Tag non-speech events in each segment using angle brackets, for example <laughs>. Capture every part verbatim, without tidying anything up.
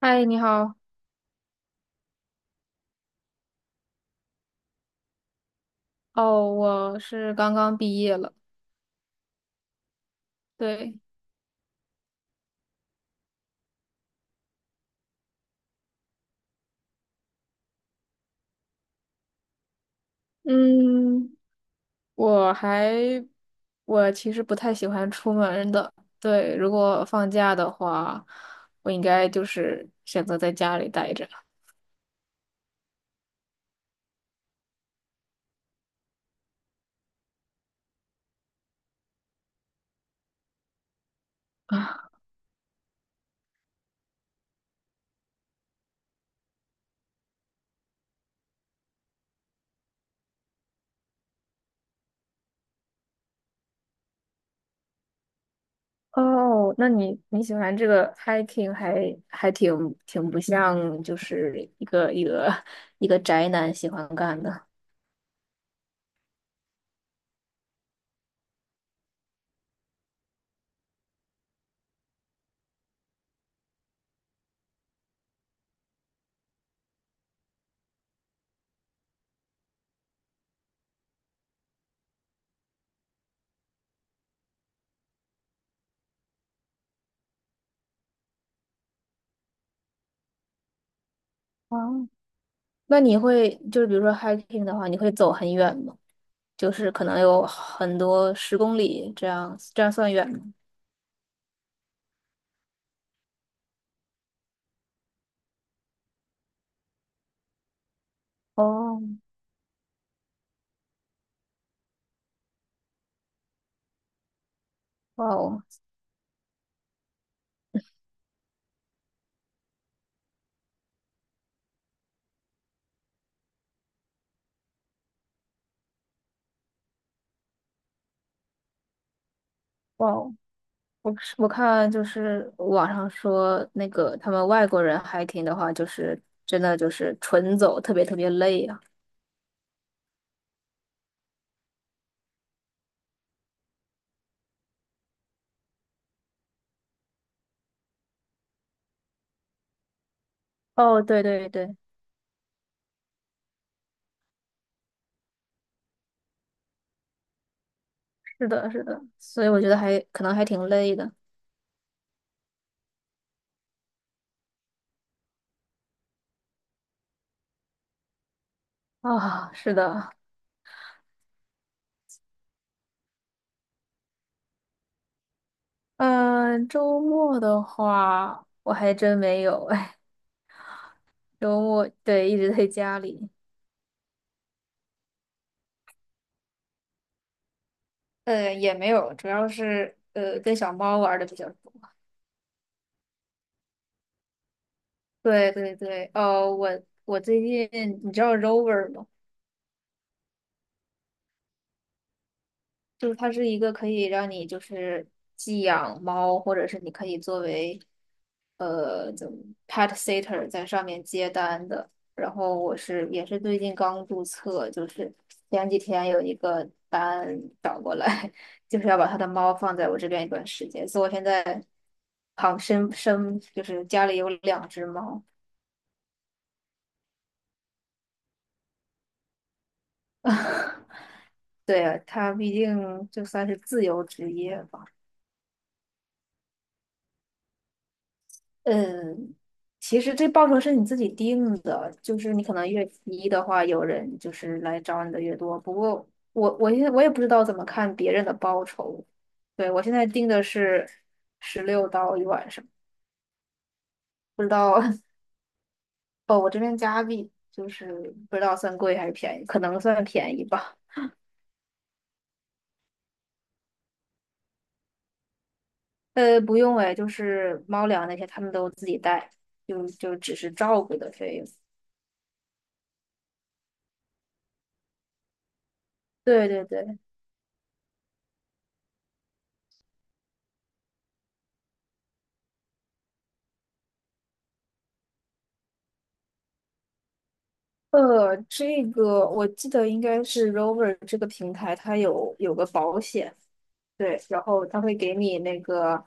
嗨，你好。哦，我是刚刚毕业了。对，嗯，我还，我其实不太喜欢出门的。对，如果放假的话，我应该就是选择在家里待着。<laughs> 啊，哦，那你你喜欢这个 hiking 还还挺挺不像，就是一个一个一个宅男喜欢干的。哦，那你会就是比如说 hiking 的话，你会走很远吗？就是可能有很多十公里这样，这样算远吗？哦，哇哦，哇哦！我是我看就是网上说那个他们外国人 hiking 的话，就是真的就是纯走，特别特别累啊。哦，对对对，是的，是的，所以我觉得还可能还挺累的啊。是的，嗯，周末的话我还真没有，哎，周末，对，一直在家里。呃，也没有，主要是呃跟小猫玩的比较多。对对对，呃，我我最近你知道 Rover 吗？就是它是一个可以让你就是寄养猫，或者是你可以作为呃怎么 pet sitter 在上面接单的。然后我是也是最近刚注册，就是前几天有一个单找过来，<laughs> 就是要把他的猫放在我这边一段时间，所以我现在旁生生就是家里有两只猫。<laughs> 对，他毕竟就算是自由职业吧。嗯，其实这报酬是你自己定的，就是你可能越低的话，有人就是来找你的越多。不过我我现在我也不知道怎么看别人的报酬。对，我现在定的是十六刀一晚上，不知道 <laughs> 哦，我这边加币就是不知道算贵还是便宜，可能算便宜吧。呃，不用哎，就是猫粮那些他们都自己带，就就只是照顾的费用。对对对，呃，这个我记得应该是 Rover 这个平台，它有有个保险，对，然后它会给你那个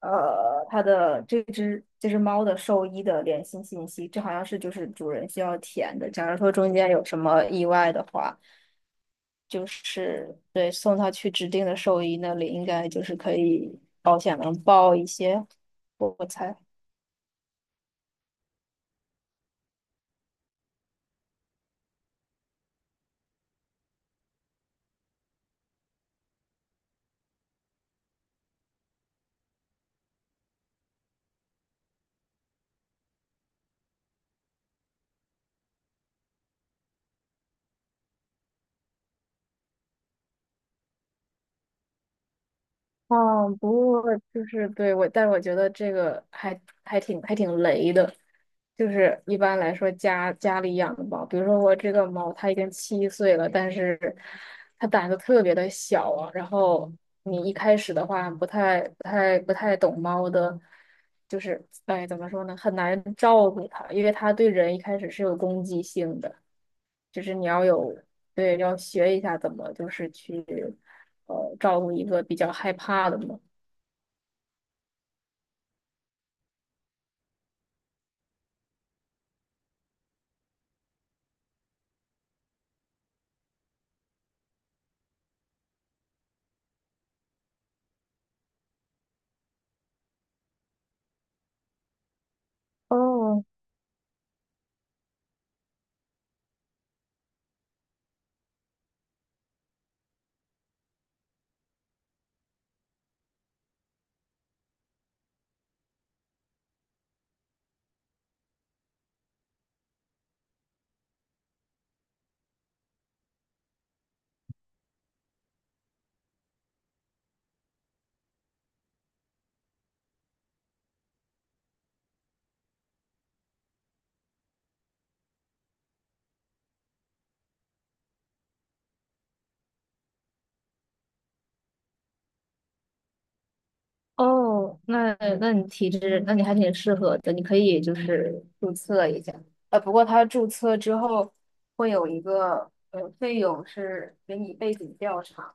呃它的这只这只猫的兽医的联系信息，这好像是就是主人需要填的。假如说中间有什么意外的话，就是，对，送它去指定的兽医那里，应该就是可以保险能报一些，我我猜。哦，不过就是对我，但是我觉得这个还还挺还挺雷的，就是一般来说家家里养的猫，比如说我这个猫它已经七岁了，但是它胆子特别的小啊，然后你一开始的话不太不太不太懂猫的，就是哎怎么说呢，很难照顾它，因为它对人一开始是有攻击性的。就是你要有，对，要学一下怎么就是去呃照顾一个比较害怕的猫。哦哦，那那你体质，那你还挺适合的，你可以就是注册一下。呃，不过它注册之后会有一个呃费用是给你背景调查，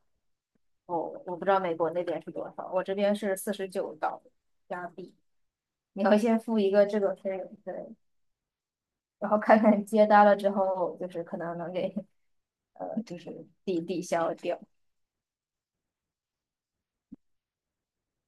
哦，我不知道美国那边是多少，我这边是四十九刀加币，你要先付一个这个费用。对，然后看看接单了之后，就是可能能给呃，就是抵抵消掉。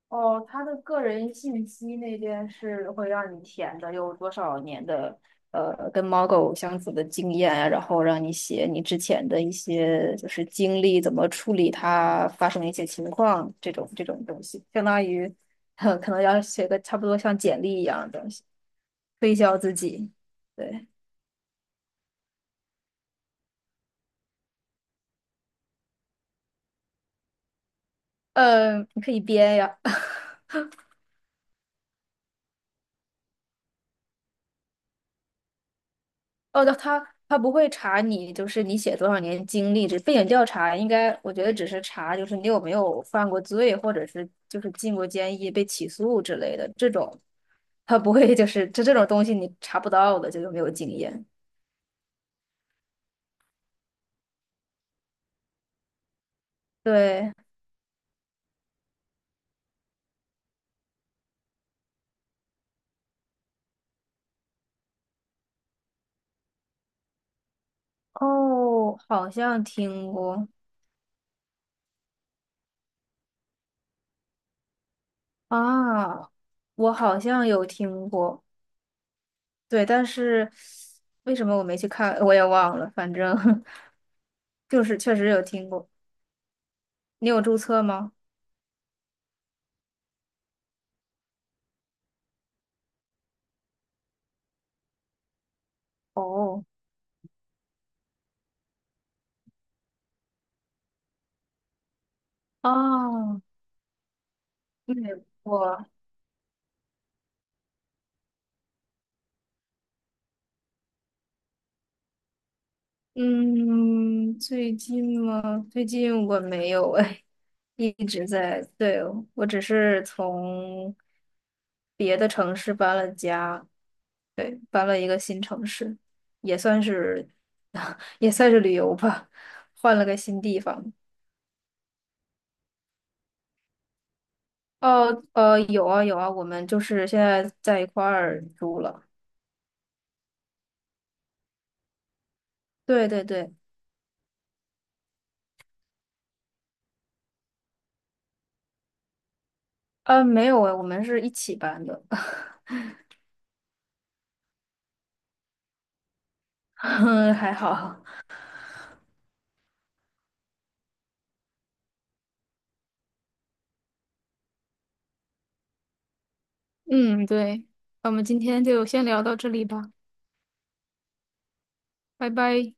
哦，他的个人信息那边是会让你填的，有多少年的呃，跟猫狗相处的经验啊，然后让你写你之前的一些就是经历，怎么处理它发生的一些情况这种这种东西，相当于 <laughs> 可能要写个差不多像简历一样的东西，推销自己。对，呃，你可以编呀。<laughs> 哦，那他他不会查你，就是你写多少年经历，这背景调查应该，我觉得只是查就是你有没有犯过罪，或者是就是进过监狱、被起诉之类的这种，他不会就是这这种东西你查不到的，就有没有经验。对，哦，好像听过啊，我好像有听过，对，但是为什么我没去看，我也忘了，反正 <laughs> 就是确实有听过。你有注册吗？哦。哦，对，我，嗯，最近吗？最近我没有哎，一直在，对，我只是从别的城市搬了家，对，搬了一个新城市，也算是，<laughs> 也算是旅游吧，换了个新地方。哦，呃，有啊有啊，我们就是现在在一块儿住了。对对对，呃，没有哎，我们是一起搬的，<laughs> 还好。嗯，对，那我们今天就先聊到这里吧，拜拜。